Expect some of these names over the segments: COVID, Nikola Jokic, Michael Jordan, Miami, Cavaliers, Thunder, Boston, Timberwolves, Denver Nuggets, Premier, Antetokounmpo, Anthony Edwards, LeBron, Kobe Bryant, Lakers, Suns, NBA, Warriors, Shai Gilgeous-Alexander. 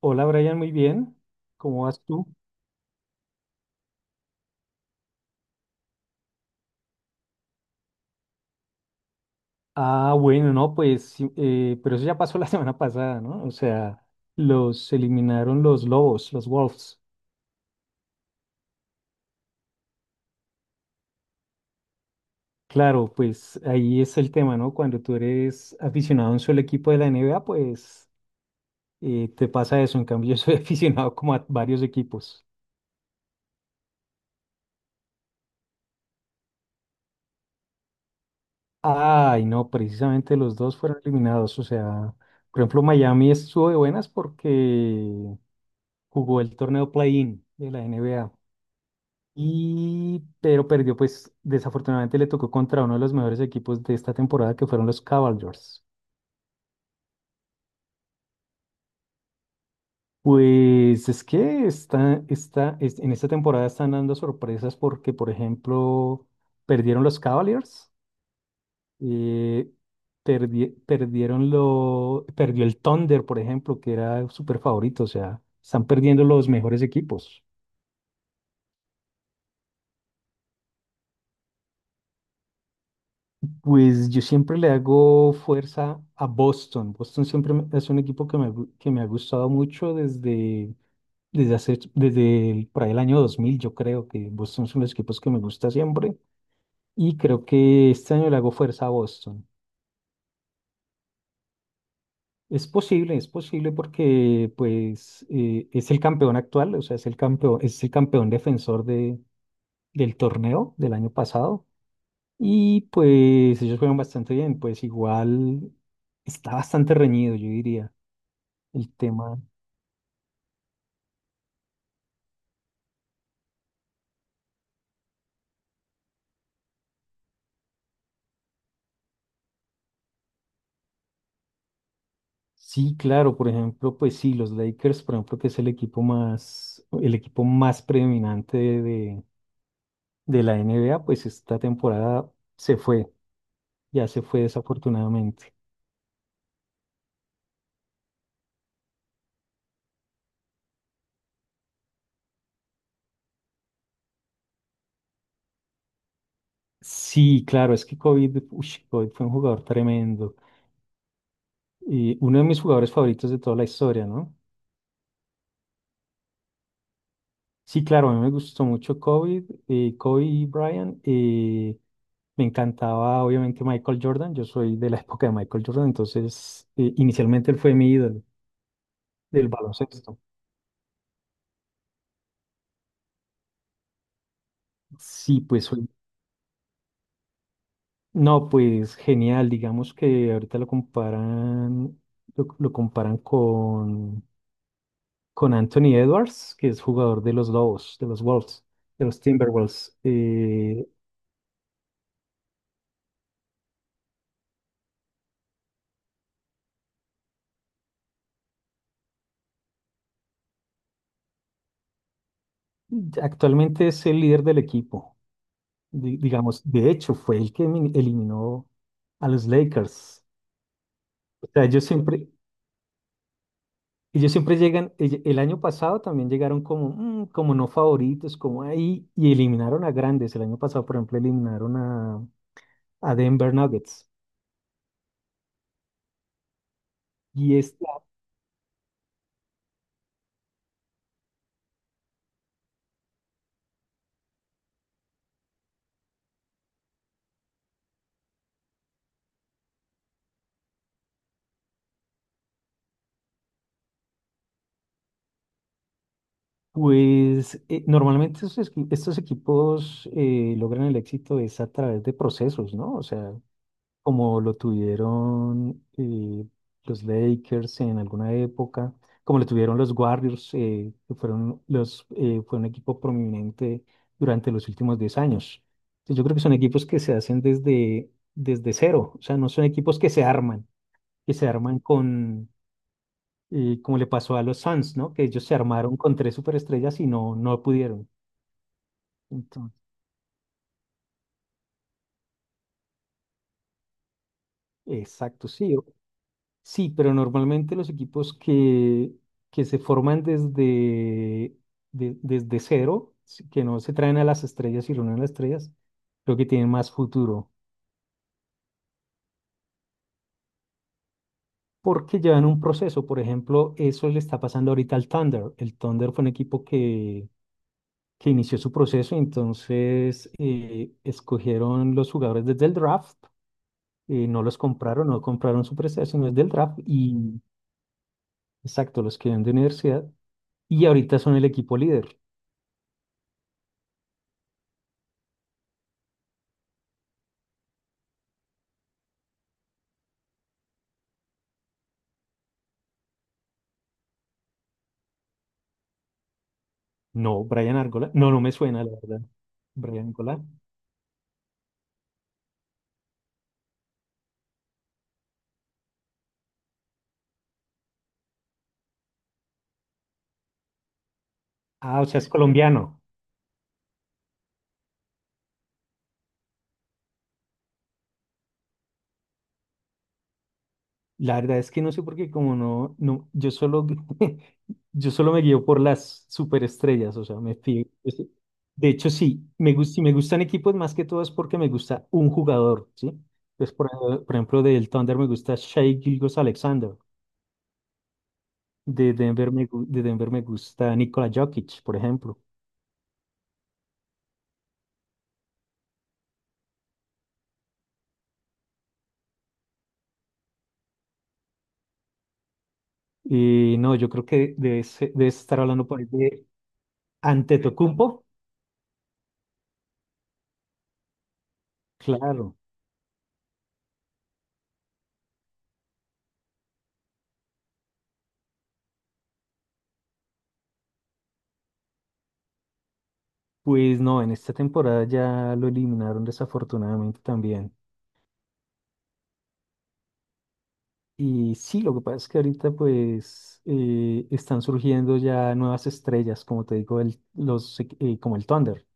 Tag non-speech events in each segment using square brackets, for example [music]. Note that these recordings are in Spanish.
Hola Brian, muy bien. ¿Cómo vas tú? Ah, bueno, no, pues, sí, pero eso ya pasó la [laughs] semana pasada, ¿no? O sea, los eliminaron los lobos, los Wolves. Claro, pues ahí es el tema, ¿no? Cuando tú eres aficionado a un solo equipo de la NBA, pues te pasa eso. En cambio, yo soy [laughs] aficionado como a varios equipos. Ay, no, precisamente los dos fueron eliminados. O sea, por ejemplo, Miami estuvo de buenas porque jugó el torneo play-in de la NBA. Y, pero perdió, pues desafortunadamente le tocó contra uno de los mejores equipos de esta temporada que fueron los Cavaliers. Pues es que en esta temporada están dando sorpresas porque, por ejemplo, perdieron los Cavaliers, eh, perdió el Thunder, por ejemplo, que era súper favorito, o sea, están perdiendo los mejores equipos. Pues yo siempre le hago fuerza a Boston. Boston siempre es un equipo que me ha gustado mucho desde por ahí el año 2000. Yo creo que Boston son los equipos que me gusta siempre y creo que este año le hago fuerza a Boston. Es posible porque pues es el campeón actual, o sea, es el campeón defensor del torneo del año pasado y pues ellos juegan bastante bien, pues igual está bastante reñido, yo diría. El tema, sí, claro, por ejemplo, pues sí, los Lakers, por ejemplo, que es el equipo más predominante de la NBA, pues esta temporada se fue, ya se fue desafortunadamente. Sí, claro, es que COVID fue un jugador tremendo y uno de mis jugadores favoritos de toda la historia, ¿no? Sí, claro, a mí me gustó mucho Kobe, Kobe y Bryant. Me encantaba, obviamente, Michael Jordan. Yo soy de la [laughs] época de Michael Jordan, entonces inicialmente él fue mi ídolo del baloncesto. Sí, pues no, pues genial. Digamos que ahorita lo comparan con Anthony Edwards, que es jugador de los Lobos, de los Wolves, de los Timberwolves. Actualmente es el líder del equipo. Digamos, de hecho fue el que eliminó a los Lakers. O sea, ellos siempre llegan, el año pasado también llegaron como, como no favoritos, como ahí, y eliminaron a grandes. El año pasado, por ejemplo, eliminaron a Denver Nuggets. Y esta, pues, normalmente estos equipos logran el éxito es a través de procesos, ¿no? O sea, como lo tuvieron los Lakers en alguna época, como lo tuvieron los Warriors, que fue un equipo prominente durante los últimos 10 años. Entonces, yo creo que son equipos que se hacen desde cero, o sea, no son equipos que se arman, como le pasó a los Suns, ¿no? Que ellos se armaron con tres superestrellas y no pudieron. Entonces, exacto, sí. Sí, pero normalmente los equipos que se forman desde cero, sí, que no se traen a las estrellas y reúnen a las estrellas, creo que tienen más futuro, porque llevan un proceso. Por ejemplo, eso le está pasando ahorita al Thunder. El Thunder fue un equipo que inició su proceso, entonces escogieron los jugadores desde el draft, no los compraron, no compraron su proceso, sino es del draft, y exacto, los que vienen de universidad, y ahorita son el equipo líder. No, Brian Argola. No, no me suena, la verdad. Brian Argola. Ah, o sea, es colombiano. La verdad es que no sé por qué, como no, no, yo solo, [laughs] yo solo me guío por las superestrellas, o sea, me fío. De hecho, sí, si me gustan equipos más que todo es porque me gusta un jugador, ¿sí? Pues por ejemplo, del Thunder me gusta Shai Gilgeous-Alexander, de Denver me gusta Nikola Jokic, por ejemplo. Y no, yo creo que debes estar hablando por ahí de... Antetokounmpo. Claro, pues no, en esta temporada ya lo eliminaron desafortunadamente también. Y sí, lo que pasa es que ahorita pues están surgiendo ya nuevas estrellas, como te digo, como el Thunder.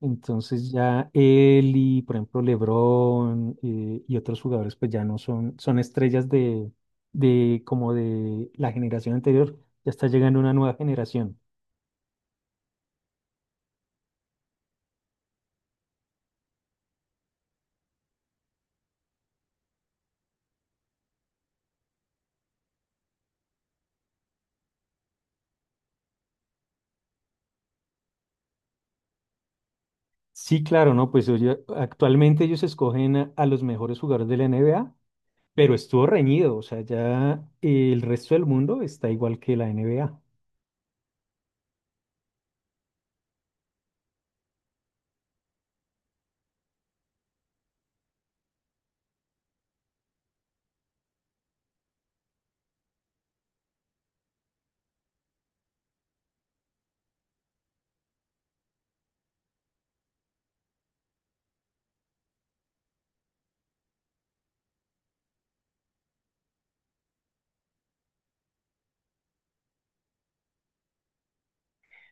Entonces ya él y, por ejemplo, LeBron y otros jugadores pues ya no son estrellas de como de la generación anterior, ya está llegando una nueva generación. Sí, claro, ¿no? Pues oye, actualmente ellos escogen a los mejores jugadores de la NBA. Pero estuvo reñido, o sea, ya el resto del mundo está igual que la NBA.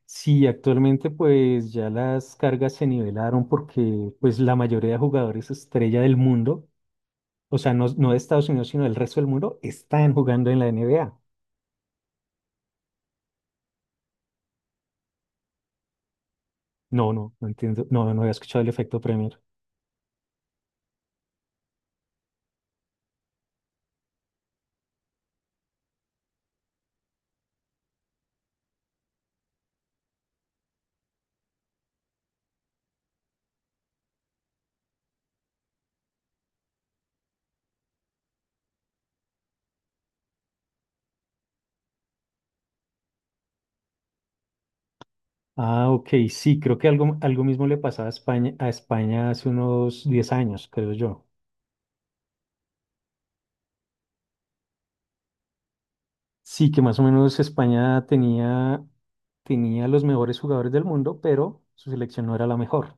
Sí, actualmente pues ya las cargas se nivelaron porque pues la mayoría de jugadores estrella del mundo, o sea, no, no de Estados Unidos, sino del resto del mundo, están jugando en la NBA. No, no, no entiendo, no, no había escuchado el efecto Premier. Ah, ok, sí, creo que algo mismo le pasaba a España, hace unos 10 años, creo yo. Sí, que más o menos España tenía los mejores jugadores del mundo, pero su selección no era la mejor.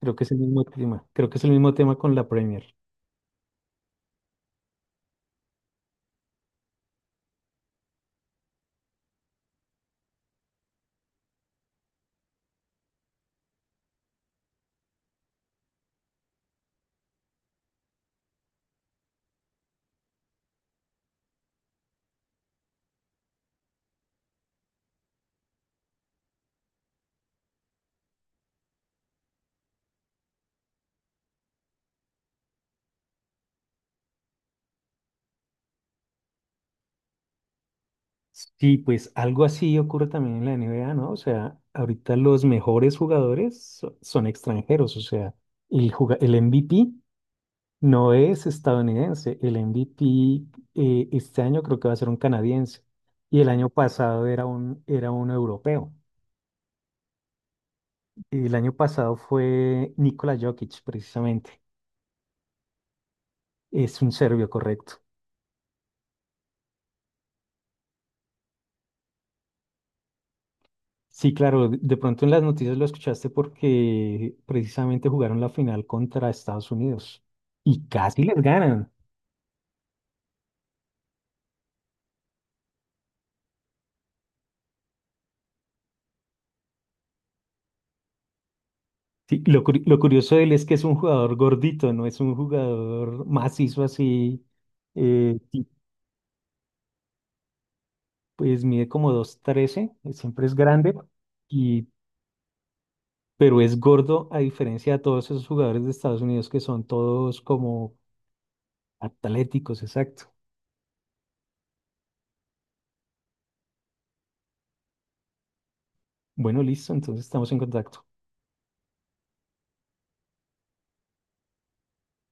Creo que es el mismo tema. Creo que es el mismo tema con la Premier. Sí, pues algo así ocurre también en la NBA, ¿no? O sea, ahorita los mejores jugadores son extranjeros, o sea, el MVP no es estadounidense, el MVP este año creo que va a ser un canadiense y el año pasado era un europeo. El año pasado fue Nikola Jokic, precisamente, es un serbio, correcto. Sí, claro, de pronto en las noticias lo escuchaste porque precisamente jugaron la final contra Estados Unidos y casi les ganan. Sí, lo curioso de él es que es un jugador gordito, no es un jugador macizo así, y pues mide como 2,13, siempre es grande, y, pero es gordo a diferencia de todos esos jugadores de Estados Unidos que son todos como atléticos, exacto. Bueno, listo, entonces estamos en contacto.